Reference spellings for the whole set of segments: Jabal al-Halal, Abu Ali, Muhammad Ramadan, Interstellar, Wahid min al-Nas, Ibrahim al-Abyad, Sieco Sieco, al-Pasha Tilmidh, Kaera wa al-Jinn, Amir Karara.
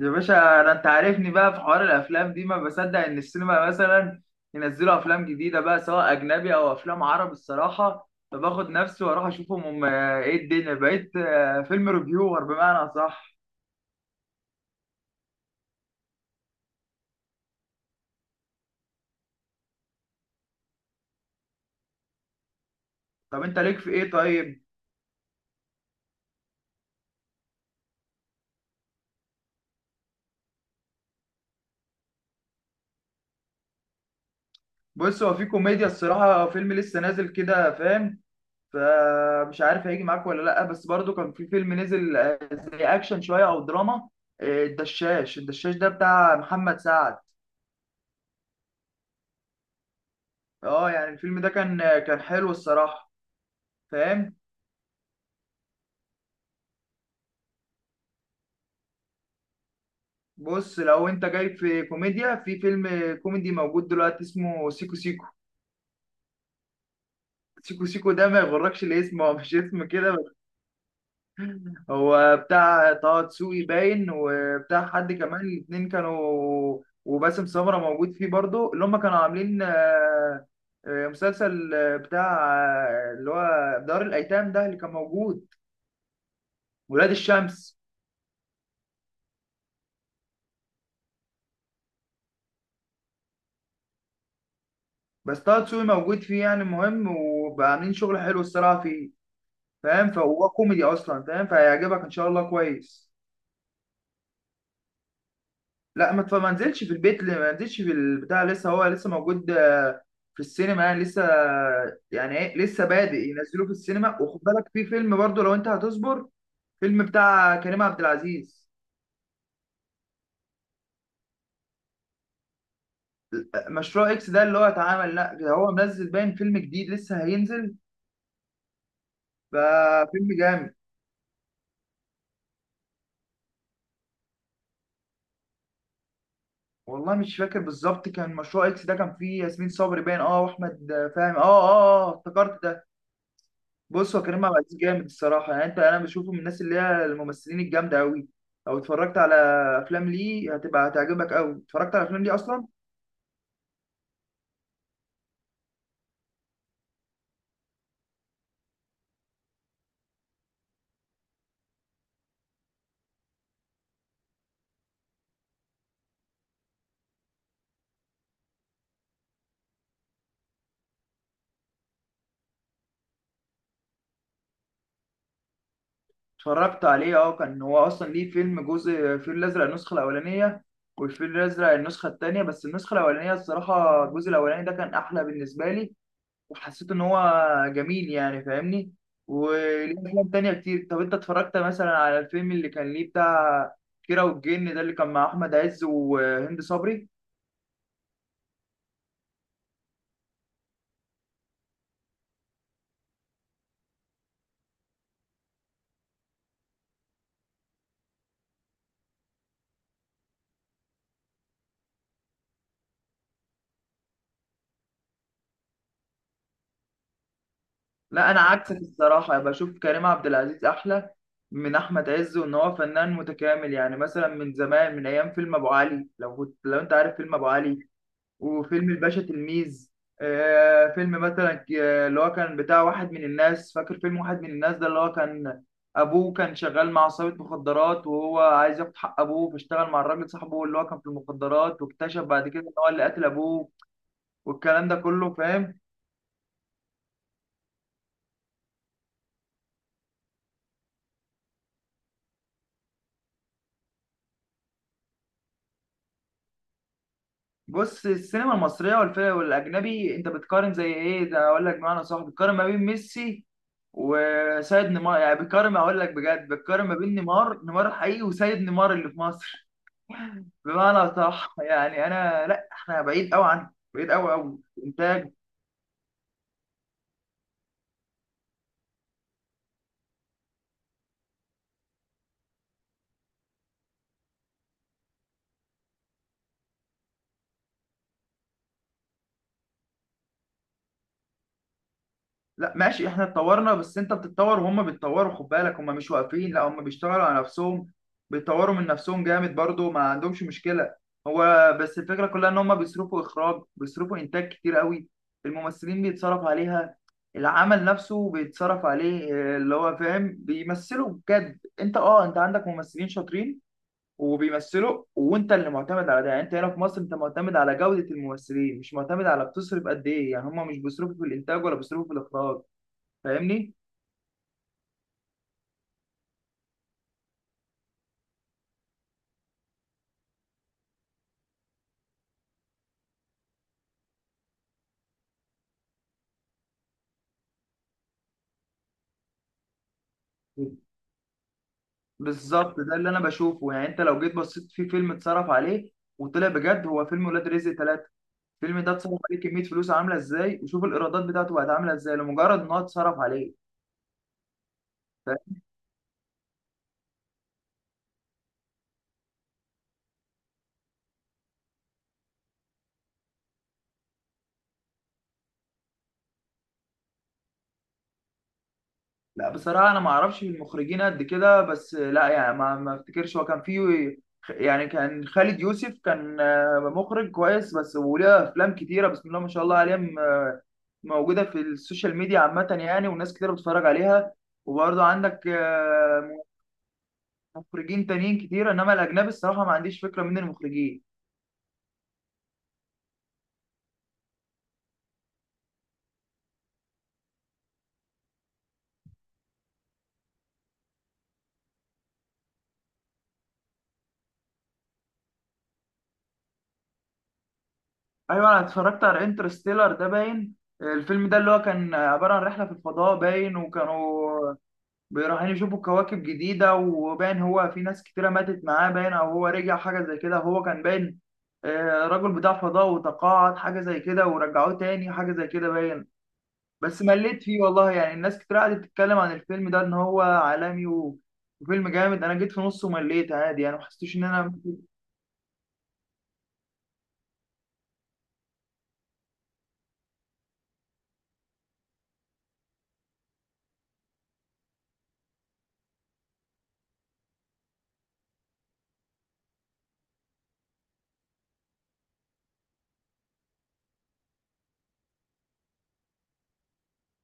يا باشا انا انت عارفني بقى في حوار الافلام دي، ما بصدق ان السينما مثلا ينزلوا افلام جديده بقى، سواء اجنبي او افلام عربي الصراحه، فباخد نفسي واروح اشوفهم. هم ايه الدنيا بقيت؟ فيلم ريفيور بمعنى صح. طب انت ليك في ايه طيب؟ بص، هو في كوميديا الصراحه، فيلم لسه نازل كده فاهم، فمش عارف هيجي معاك ولا لا، بس برضو كان في فيلم نزل زي اكشن شويه او دراما. الدشاش ده بتاع محمد سعد. اه يعني الفيلم ده كان كان حلو الصراحه. فاهم؟ بص، لو انت جاي في كوميديا، في فيلم كوميدي موجود دلوقتي اسمه سيكو سيكو. سيكو سيكو ده، ما يغركش الاسم، هو مش اسم كده بس. هو بتاع طه دسوقي باين، وبتاع حد كمان، الاتنين كانوا، وباسم سمرة موجود فيه برضو، اللي هم كانوا عاملين مسلسل بتاع اللي هو دار الأيتام ده اللي كان موجود، ولاد الشمس. بس طه دسوقي موجود فيه يعني مهم، وبقى عاملين شغل حلو الصراحة فيه، فاهم؟ فهو كوميدي اصلا فاهم، فهيعجبك ان شاء الله كويس. لا ما نزلش في البيت، ما نزلش في البتاع، لسه هو لسه موجود في السينما يعني لسه، يعني ايه، لسه بادئ ينزلوه في السينما. وخد بالك في فيلم برضو لو انت هتصبر، فيلم بتاع كريم عبد العزيز، مشروع اكس ده اللي هو اتعمل، لا ده هو منزل باين، فيلم جديد لسه هينزل، ففيلم جامد. والله مش فاكر بالظبط، كان مشروع اكس ده كان فيه ياسمين صبري باين اه، واحمد فاهم اه. اه افتكرت ده. بص، هو كريم عبد العزيز جامد الصراحه، يعني انت، بشوفه من الناس اللي هي الممثلين الجامده قوي. لو اتفرجت على افلام ليه هتبقى هتعجبك قوي، اتفرجت على افلام ليه اصلا. اتفرجت عليه اه، كان هو اصلا ليه فيلم جزء، الفيل الازرق النسخه الاولانيه والفيل الازرق النسخه الثانيه، بس النسخه الاولانيه الصراحه، الجزء الاولاني ده كان احلى بالنسبه لي. وحسيت ان هو جميل يعني فاهمني، وليه افلام تانية كتير. طب انت اتفرجت مثلا على الفيلم اللي كان ليه بتاع كيرة والجن ده اللي كان مع احمد عز وهند صبري؟ لا انا عكسك الصراحه، بشوف كريم عبد العزيز احلى من احمد عز، وان هو فنان متكامل يعني، مثلا من زمان، من ايام فيلم ابو علي، لو كنت لو انت عارف فيلم ابو علي، وفيلم الباشا تلميذ، آه فيلم مثلا اللي هو كان بتاع واحد من الناس، فاكر فيلم واحد من الناس ده؟ اللي هو كان ابوه كان شغال مع عصابه مخدرات، وهو عايز ياخد حق ابوه، فاشتغل مع الراجل صاحبه اللي هو كان في المخدرات، واكتشف بعد كده ان هو اللي قتل ابوه، والكلام ده كله فاهم. بص، السينما المصريه والفيلم والاجنبي، انت بتقارن زي ايه ده، اقول لك بمعنى صح، بتقارن ما بين ميسي وسيد نيمار، يعني بتقارن، اقول لك بجد، بتقارن ما بين نيمار، نيمار حقيقي، وسيد نيمار اللي في مصر. بمعنى صح يعني انا، لا احنا بعيد قوي عنه، بعيد قوي قوي انتاج. لا ماشي، احنا اتطورنا، بس انت بتتطور وهم بيتطوروا، خد بالك هم مش واقفين، لا هم بيشتغلوا على نفسهم، بيتطوروا من نفسهم جامد برضو، ما عندهمش مشكلة. هو بس الفكرة كلها ان هم بيصرفوا اخراج، بيصرفوا انتاج كتير قوي، الممثلين بيتصرف عليها، العمل نفسه بيتصرف عليه، اه، اللي هو فاهم، بيمثلوا بجد. انت اه، انت عندك ممثلين شاطرين وبيمثلوا، وانت اللي معتمد على ده، يعني انت هنا في مصر انت معتمد على جودة الممثلين، مش معتمد على بتصرف قد ايه، يعني هم مش بيصرفوا في الانتاج ولا بيصرفوا في الاخراج، فاهمني. بالظبط ده اللي انا بشوفه، يعني انت لو جيت بصيت في فيلم اتصرف عليه وطلع بجد، هو فيلم ولاد رزق ثلاثة. الفيلم ده اتصرف عليه كمية فلوس عاملة ازاي، وشوف الايرادات بتاعته بقت عاملة ازاي، لمجرد ان هو اتصرف عليه. ف- لا بصراحة، انا ما اعرفش في المخرجين قد كده، بس لا يعني ما افتكرش هو كان فيه، يعني كان خالد يوسف كان مخرج كويس بس، وليه افلام كتيرة بسم الله ما شاء الله عليه، موجودة في السوشيال ميديا عامة يعني، وناس كتير بتتفرج عليها، وبرضه عندك مخرجين تانيين كتير، انما الاجنبي الصراحه ما عنديش فكره مين المخرجين. ايوه، انا اتفرجت على انترستيلر ده باين. الفيلم ده اللي هو كان عباره عن رحله في الفضاء باين، وكانوا رايحين يشوفوا كواكب جديده، وباين هو في ناس كتيره ماتت معاه باين، او هو رجع حاجه زي كده، هو كان باين راجل بتاع فضاء وتقاعد حاجه زي كده، ورجعوه تاني حاجه زي كده باين. بس مليت فيه والله، يعني الناس كتير قعدت تتكلم عن الفيلم ده ان هو عالمي وفيلم جامد، انا جيت في نصه ومليت عادي يعني، ما حسيتش ان انا.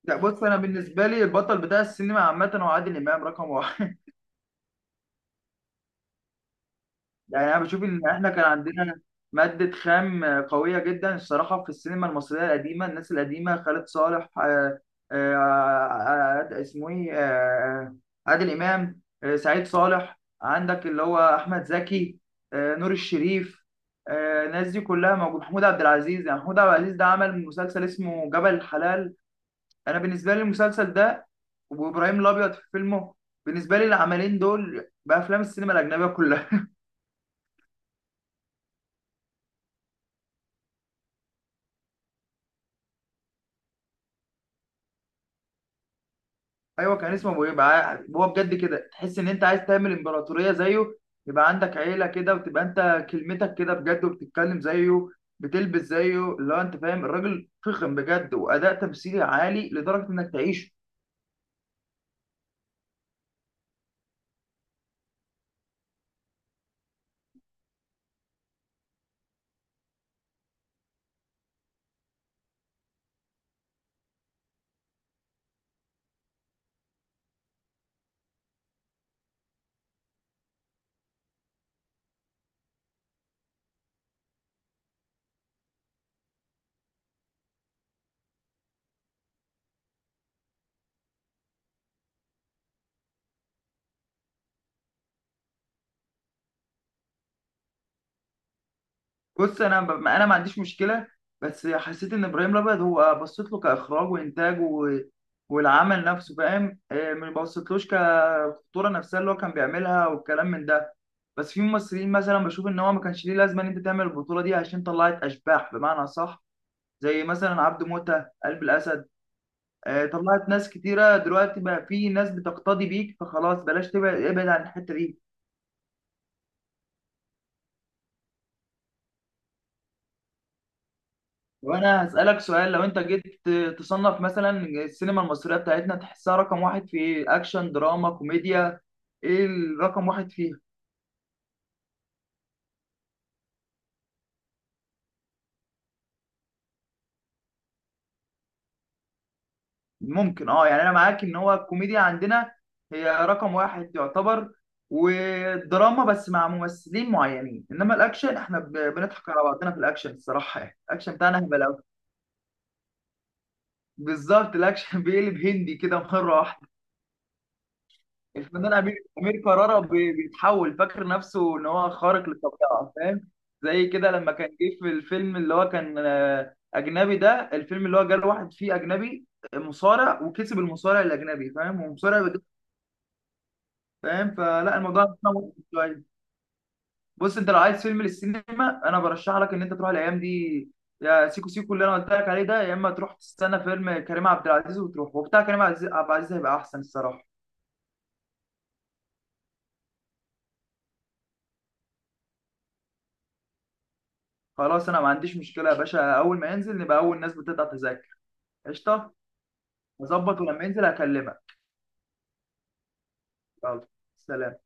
لا بص، انا بالنسبه لي البطل بتاع السينما عامه هو عادل امام رقم واحد. يعني انا بشوف ان احنا كان عندنا ماده خام قويه جدا الصراحه، في السينما المصريه القديمه، الناس القديمه، خالد صالح، آه، اسمه ايه، عادل امام، سعيد صالح، عندك اللي هو احمد زكي، نور الشريف، الناس دي كلها موجود، محمود عبد العزيز. يعني محمود عبد العزيز ده عمل مسلسل اسمه جبل الحلال، انا بالنسبه لي المسلسل ده وابراهيم الابيض في فيلمه، بالنسبه لي العملين دول بافلام السينما الاجنبيه كلها. ايوه كان اسمه ابو، يبقى هو بجد كده تحس ان انت عايز تعمل امبراطوريه زيه، يبقى عندك عيله كده، وتبقى انت كلمتك كده بجد، وبتتكلم زيه، بتلبس زيه، اللي هو انت فاهم، الراجل فخم بجد، واداء تمثيلي عالي لدرجه انك تعيشه. بص انا انا ما عنديش مشكله، بس حسيت ان ابراهيم الابيض هو بصيت له كاخراج وانتاج والعمل نفسه فاهم، ما بصيتلوش كالخطوره نفسها اللي هو كان بيعملها والكلام من ده، بس في ممثلين مثلا بشوف ان هو ما كانش ليه لازمه ان انت تعمل البطوله دي، عشان طلعت اشباح بمعنى صح، زي مثلا عبد موته، قلب الاسد، طلعت ناس كتيره دلوقتي، بقى في ناس بتقتدي بيك، فخلاص بلاش، تبعد، ابعد عن الحته دي. وانا هسألك سؤال، لو انت جيت تصنف مثلا السينما المصرية بتاعتنا، تحسها رقم واحد في ايه؟ اكشن، دراما، كوميديا؟ ايه الرقم واحد فيها؟ ممكن اه، يعني انا معاك ان هو الكوميديا عندنا هي رقم واحد يعتبر، والدراما بس مع ممثلين معينين، انما الاكشن احنا بنضحك على بعضنا في الاكشن الصراحة، يعني الاكشن بتاعنا هبل أوي. بالظبط الاكشن بيقلب هندي كده مرة واحدة. الفنان امير، كرارة بيتحول فاكر نفسه ان هو خارق للطبيعه فاهم، زي كده لما كان جه في الفيلم اللي هو كان اجنبي ده، الفيلم اللي هو جاله واحد فيه اجنبي مصارع، وكسب المصارع الاجنبي فاهم، ومصارع بجد، فاهم، فلا الموضوع ده ممتع شويه. بص، انت لو عايز فيلم للسينما، انا برشح لك ان انت تروح الايام دي، يا سيكو سيكو اللي انا قلت لك عليه ده، يا اما تروح تستنى فيلم كريم عبد العزيز وتروح، وبتاع كريم عبد العزيز هيبقى احسن الصراحه. خلاص انا ما عنديش مشكله يا باشا، اول ما ينزل نبقى اول ناس بتقطع تذاكر، قشطه، اظبط، ولما ينزل هكلمك. يلا، سلام.